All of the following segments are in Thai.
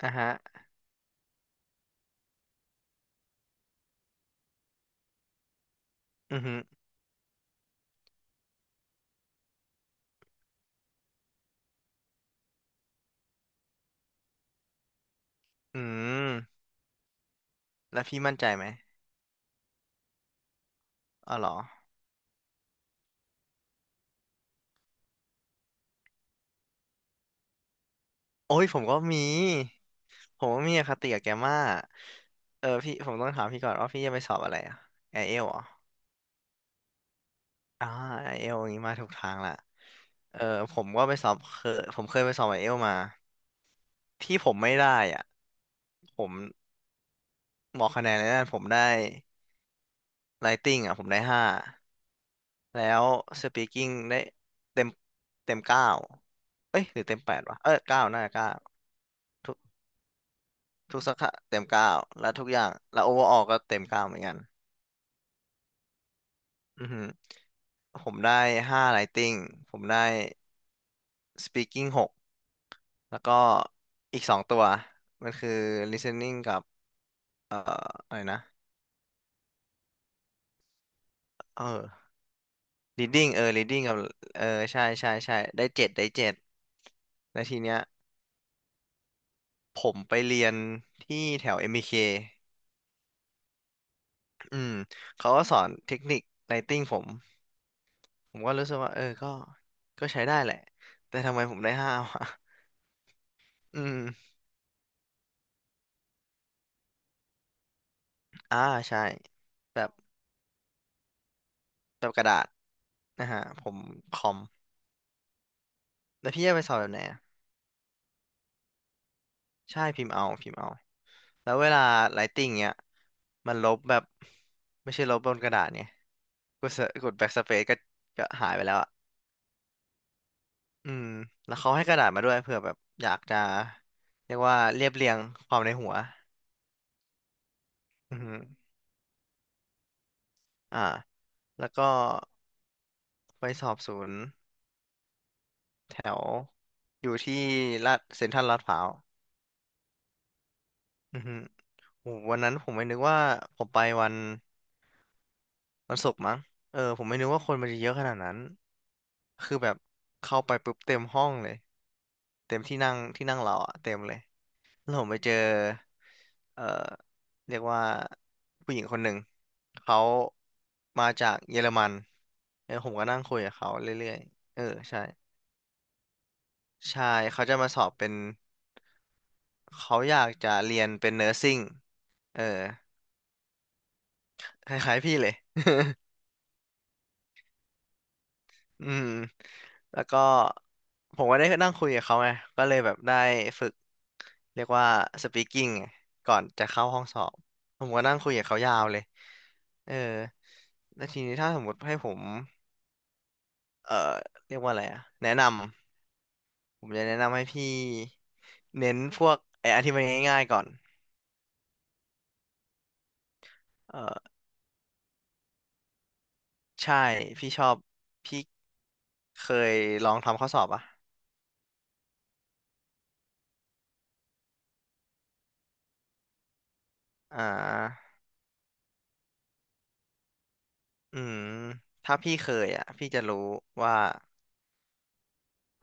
อ่ะฮะอือหืออืมแล้วพี่มั่นใจไหมอ๋อเหรอโอ้ยผมก็มีอคติกับแกมากเออพี่ผมต้องถามพี่ก่อนว่าพี่จะไปสอบอะไรอะไอเอลเหรออ่าไอเอลอย่างนี้มาถูกทางละเออผมก็ไปสอบเคยผมเคยไปสอบไอเอลมาที่ผมไม่ได้อ่ะผมบอกคะแนนเลยนะผมได้ Writing อ่ะผมได้ห้าแล้ว Speaking ได้เต็มเต็มเก้าเอ้ยหรือเต็มแปดวะเออเก้าน่าจะเก้า ทุกสาขาเต็มเก้าและทุกอย่างและโอเวอร์ออก็เต็มเก้าเหมือนกันอือหือผมได้ห้า writing ผมได้ speaking หกแล้วก็อีกสองตัวมันคือ listening กับอะไรนะเออ reading เออ reading กับเออใช่ใช่ใช่ได้เจ็ดได้เจ็ดแล้วทีเนี้ยผมไปเรียนที่แถว m เ k อืมเขาก็สอนเทคนิคไลต t i n g ผมผมก็รู้สึกว่าเออก็ก็ใช้ได้แหละแต่ทำไมผมได้ห้าวะ อืม อ่าใช่แบบแบบกระดาษนะฮะผมคอมแล้วพี่จะไปสอบแบบไหนอะใช่พิมพ์เอาพิมพ์เอาแล้วเวลาไลติ้งเนี้ยมันลบแบบไม่ใช่ลบบนกระดาษเนี่ยกดเสกดแบ็กสเปซก็ก็หายไปแล้วอ่ะอืมแล้วเขาให้กระดาษมาด้วยเผื่อแบบอยากจะเรียกว่าเรียบเรียงความในหัวอือฮึอ่าแล้วก็ไปสอบศูนย์แถวอยู่ที่ลาดเซ็นทรัลลาดพร้าวอือฮึ โอ้วันนั้นผมไม่นึกว่าผมไปวันศุกร์มั้งเออผมไม่นึกว่าคนมันจะเยอะขนาดนั้นคือแบบเข้าไปปุ๊บเต็มห้องเลยเต็มที่นั่งเราอะเต็มเลยแล้วผมไปเจอเอ่อเรียกว่าผู้หญิงคนหนึ่งเขามาจากเยอรมันเออผมก็นั่งคุยกับเขาเรื่อยๆเออใช่ใช่เขาจะมาสอบเป็นเขาอยากจะเรียนเป็นเนอร์ซิ่งเออคล้ายๆพี่เลย อืมแล้วก็ผมก็ได้นั่งคุยกับเขาไงก็เลยแบบได้ฝึกเรียกว่า speaking ไงก่อนจะเข้าห้องสอบผมก็นั่งคุยกับเขายาวเลยเออแล้วทีนี้ถ้าสมมติให้ผมเอ่อเรียกว่าอะไรอะแนะนำผมจะแนะนำให้พี่เน้นพวกไอ้อันที่มันง่ายๆก่อนเออใช่พี่ชอบพี่เคยลองทำข้อสอบอ่ะอ่าอืมถ้าพี่เคยอ่ะพี่จะรู้ว่า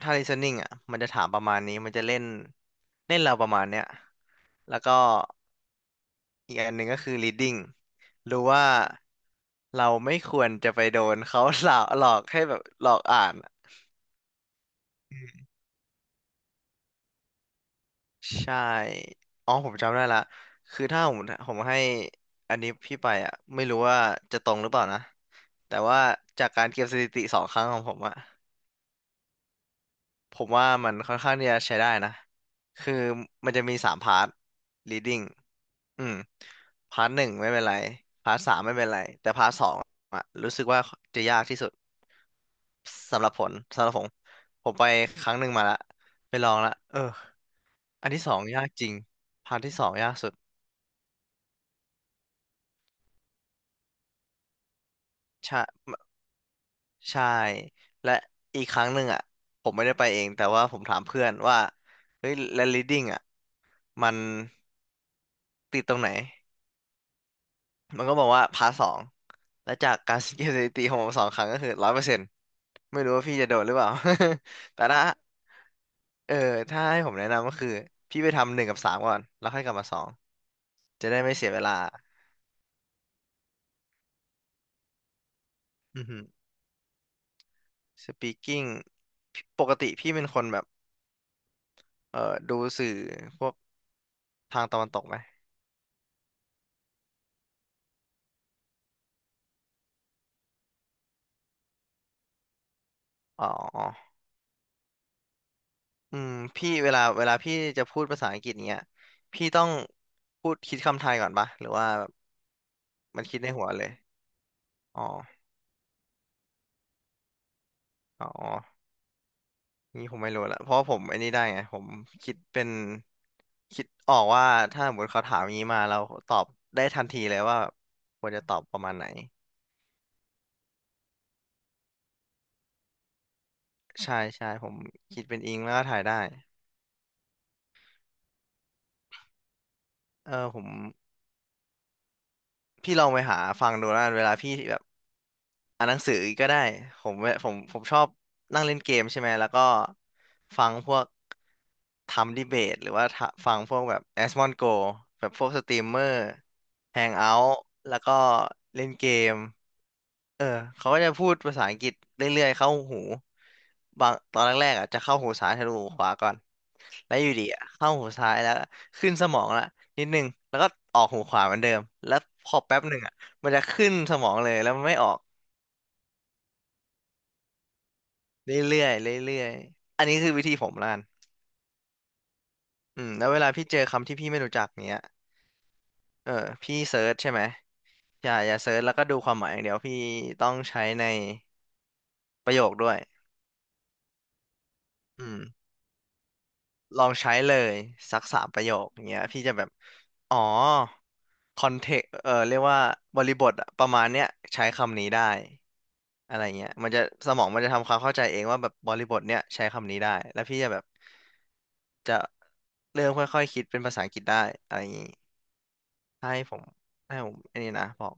ถ้า listening อ่ะมันจะถามประมาณนี้ มันจะเล่นเล่นเราประมาณเนี้ยแล้วก็อีกอันหนึ่งก็คือ reading รู้ว่าเราไม่ควรจะไปโดนเขาหลอก หลอกให้แบบหลอกอ่านอะใช่อ๋อผมจำได้ละคือถ้าผมผมให้อันนี้พี่ไปอ่ะไม่รู้ว่าจะตรงหรือเปล่านะ แต่ว่าจากการเก็บสถิติสองครั้งของผมอ่ะผมว่ามันค่อนข้างที่จะใช้ได้นะ คือมันจะมีสามพาร์ท reading อืมพาร์ทหนึ่งไม่เป็นไรพาร์ทสามไม่เป็นไรแต่พาร์ทสองอะรู้สึกว่าจะยากที่สุดสำหรับผลสำหรับผมผมไปครั้งหนึ่งมาละไปลองละเอออันที่สองยากจริงพาร์ทที่สองยากสุดใช่ใช่และอีกครั้งหนึ่งอ่ะผมไม่ได้ไปเองแต่ว่าผมถามเพื่อนว่าเฮ้ยและ leading อ่ะมันติดตรงไหน มันก็บอกว่าพาร์ทสองและจากการสังเกตสถิติของผมสองครั้งก็คือ100%ไม่รู้ว่าพี่จะโดดหรือเปล่า แต่ถ้าเออถ้าให้ผมแนะนำก็คือพี่ไปทำหนึ่งกับสามก่อนแล้วค่อยกลับมาสองจะได้ไม่เสียเวลาอือฮึ speaking พี่ปกติพี่เป็นคนแบบเออดูสื่อพวกทางตะวันตกไหมอ๋ออืมพี่เวลาพี่จะพูดภาษาอังกฤษเนี้ยพี่ต้องพูดคิดคำไทยก่อนปะหรือว่าแบบมันคิดในหัวเลยอ๋ออ๋อ นี่ผมไม่รู้ละเพราะผมไอ้นี่ได้ไงผมคิดเป็นคิดออกว่าถ้าสมมติเขาถามอย่างนี้มาเราตอบได้ทันทีเลยว่าควรจะตอบประมาณไหนใช่ใช่ผมคิดเป็นอิงแล้วก็ถ่ายได้เออผมพี่ลองไปหาฟังดูแล้วกันเวลาพี่แบบอ่านหนังสือก็ได้ผมผมชอบนั่งเล่นเกมใช่ไหมแล้วก็ฟังพวกทำดีเบตหรือว่าทะฟังพวกแบบแอสมอนโกแบบพวกสตรีมเมอร์แฮงเอาท์แล้วก็เล่นเกม เออเขาก็จะพูดภาษาอังกฤษเรื่อยๆเข้าหูบางตอนแรกๆอ่ะจะเข้าหูซ้ายทะลุหูขวาก่อนแล้วอยู่ดีอะเข้าหูซ้ายแล้วขึ้นสมองละนิดนึงแล้วก็ออกหูขวาเหมือนเดิมแล้วพอแป๊บหนึ่งอ่ะมันจะขึ้นสมองเลยแล้วมันไม่ออกเรื่อยๆเรื่อยๆอันนี้คือวิธีผมละกันแล้วเวลาพี่เจอคำที่พี่ไม่รู้จักเนี้ยเออพี่เซิร์ชใช่ไหมอย่าเซิร์ชแล้วก็ดูความหมายอย่างเดียวพี่ต้องใช้ในประโยคด้วยอืม ลองใช้เลยสัก3 ประโยคอย่างเงี้ยพี่จะแบบอ๋อคอนเทกเรียกว่าบริบทอะประมาณเนี้ยใช้คำนี้ได้อะไรเงี้ยมันจะสมองมันจะทำความเข้าใจเองว่าแบบบริบทเนี้ยใช้คำนี้ได้แล้วพี่จะแบบจะเริ่มค่อยๆคิดเป็นภาษาอังกฤษได้อะไรอย่างงี้ให้ผมให้ผมไอันนี้นะบอก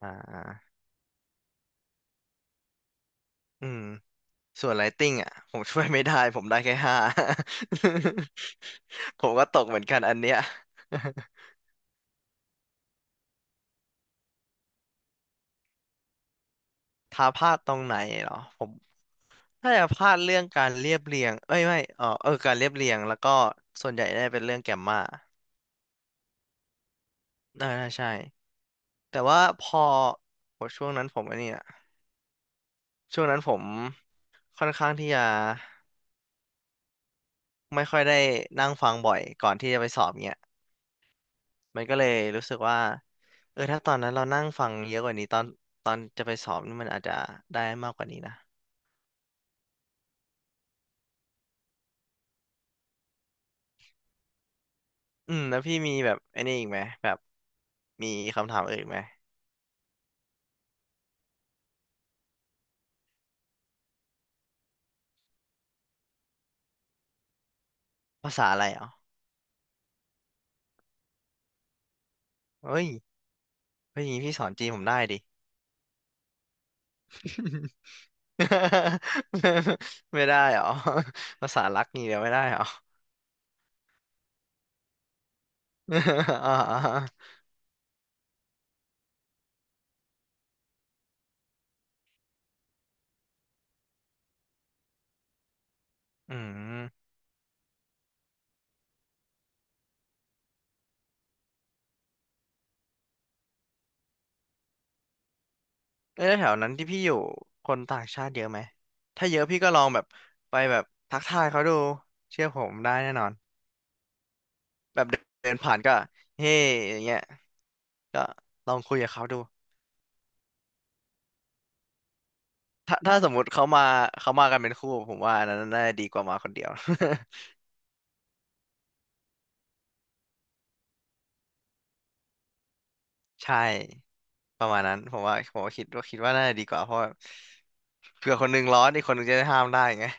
อืมส่วนไ i ติ n งอ่ะผมช่วยไม่ได้ผมได้แค่ห้า ผมก็ตกเหมือนกันอันเนี้ย ท้าพลาดตรงไหนเหรอผมถ้าจะพลาดเรื่องการเรียบเรียงเอ้ยไม่การเรียบเรียงแล้วก็ส่วนใหญ่ได้เป็นเรื่องแกมมาน่าใช่แต่ว่าพอโหช่วงนั้นผมอันนี้อะช่วงนั้นผมค่อนข้างที่จะไม่ค่อยได้นั่งฟังบ่อยก่อนที่จะไปสอบเนี่ยมันก็เลยรู้สึกว่าถ้าตอนนั้นเรานั่งฟังเยอะกว่านี้ตอนตอนจะไปสอบนี่มันอาจจะได้มากกว่านี้นะแล้วพี่มีแบบไอ้นี่อีกไหมแบบมีคำถามอื่นอีกไหมภาษาอะไรอ๋อเอ้ย เฮ้ยอย่างงี้พี่สอนจีนผมได้ดิ ไม่ได้เหรอ ภาษารักงี่เดียวไม่ได้เหรอ อ่าๆอืมเอ้ยแล้วแถวนั้นที่พี่อยู่คนต่างชาติเยอะไหมถ้าเยอะพี่ก็ลองแบบไปแบบทักทายเขาดูเชื่อผมได้แน่นอนแบบเดินผ่านก็เฮ้อย่างเงี้ยก็ลองคุยกับเขาดูถ้าสมมุติเขามาเขามากันเป็นคู่ผมว่าอันนั้นน่าจะดีกว่ามาคนเดียว ใช่ประมาณนั้นผมว่าคิดว่าน่าจะดีกว่าเพราะว่าเผื่อคนหนึงร้อนอีกคนหนึงจะได้ห้ามได้ไง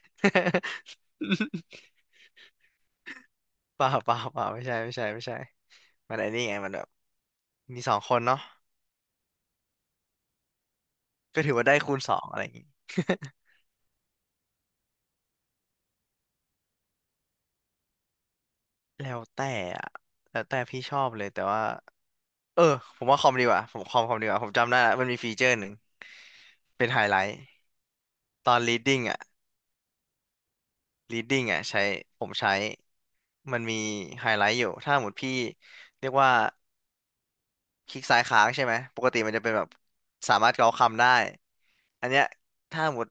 เปล่าเปล่าเปล่าไม่ใช่ไม่ใช่ไม่ใช่มันไอ้นี่ไงมันแบบมี2 คนเนาะก็ถือว่าได้คูณ 2อะไรอย่างงี้ แล้วแต่อะแล้วแต่พี่ชอบเลยแต่ว่าเออผมว่าคอมดีกว่าผมคอมดีกว่าผมจำได้ละมันมีฟีเจอร์หนึ่งเป็นไฮไลท์ตอน reading อ่ะ reading อ่ะใช้ผมใช้ มันมีไฮไลท์อยู่ ถ้าหมดพี่เรียกว่าคลิกซ้ายค้างใช่ไหม ปกติมันจะเป็นแบบสามารถเกาคำได้อันเนี้ยถ้าหมด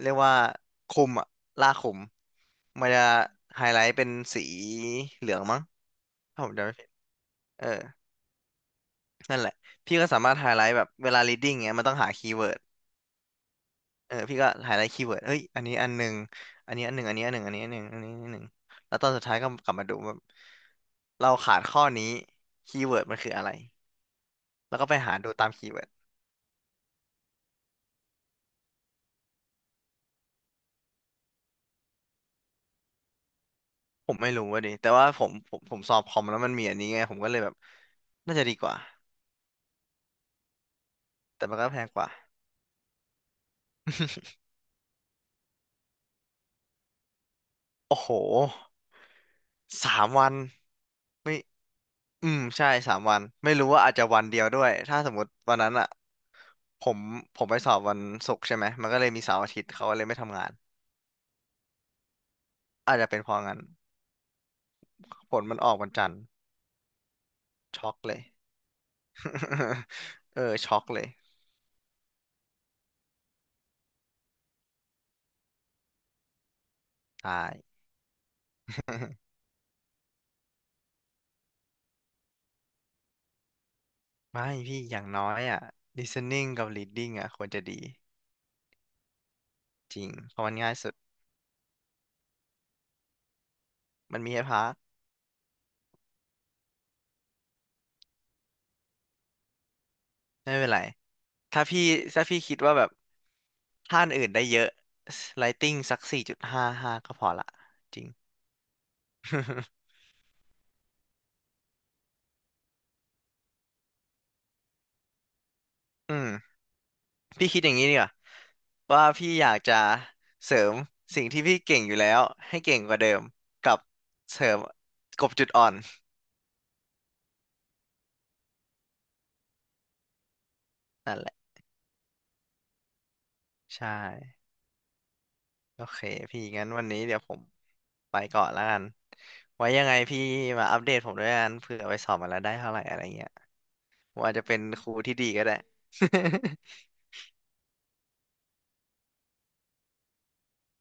เรียกว่าคุมอะลากคุมมันจะไฮไลท์เป็นสีเหลืองมั้งถ้าผมจำไม่ผิดเออ นั่นแหละ พี่ก็สามารถไฮไลท์แบบเวลา reading เงี้ยมันต้องหาคีย์เวิร์ด พี่ก็หาได้คีย์เวิร์ดเฮ้ยอันนี้อันหนึ่งอันนี้อันหนึ่งอันนี้อันหนึ่งอันนี้อันหนึ่งอันนี้อันหนึ่งแล้วตอนสุดท้ายก็กลับมาดูว่าเราขาดข้อนี้คีย์เวิร์ดมันคืออะไรแล้วก็ไปหาดูตามคีย์เวิร์ดผมไม่รู้ว่าดิแต่ว่าผมสอบคอมแล้วมันมีอันนี้ไงผมก็เลยแบบน่าจะดีกว่าแต่มันก็แพงกว่า โอ้โห3 วันไม่ใช่สามวันไม่รู้ว่าอาจจะวันเดียวด้วยถ้าสมมติวันนั้นอ่ะผมผมไปสอบวันศุกร์ใช่ไหมมันก็เลยมีเสาร์อาทิตย์เขาก็เลยไม่ทำงานอาจจะเป็นเพราะงั้น ผลมันออกวันจันทร์ช็อกเลย ช็อกเลยตาย ไม่พี่อย่างน้อยอ่ะ listening กับ reading อ่ะควรจะดีจริงเพราะมันง่ายสุดมันมีให้พักไม่เป็นไรถ้าพี่ถ้าพี่คิดว่าแบบถ้าอันอื่นได้เยอะ i g h t i n g สัก4.55ก็พอละจริง อืมพี่คิดอย่างนี้ดีกว่าว่าพี่อยากจะเสริมสิ่งที่พี่เก่งอยู่แล้วให้เก่งกว่าเดิมกับเสริมกลบจุดอ่อนนั่นแหละ ใช่โอเคพี่งั้นวันนี้เดี๋ยวผมไปก่อนแล้วกันไว้ยังไงพี่มาอัปเดตผมด้วยกันเผื่อไปสอบมาแล้วได้เท่าไหร่อะไรเงี้ยผมอาจจะเป็นครูที่ดีก็ได้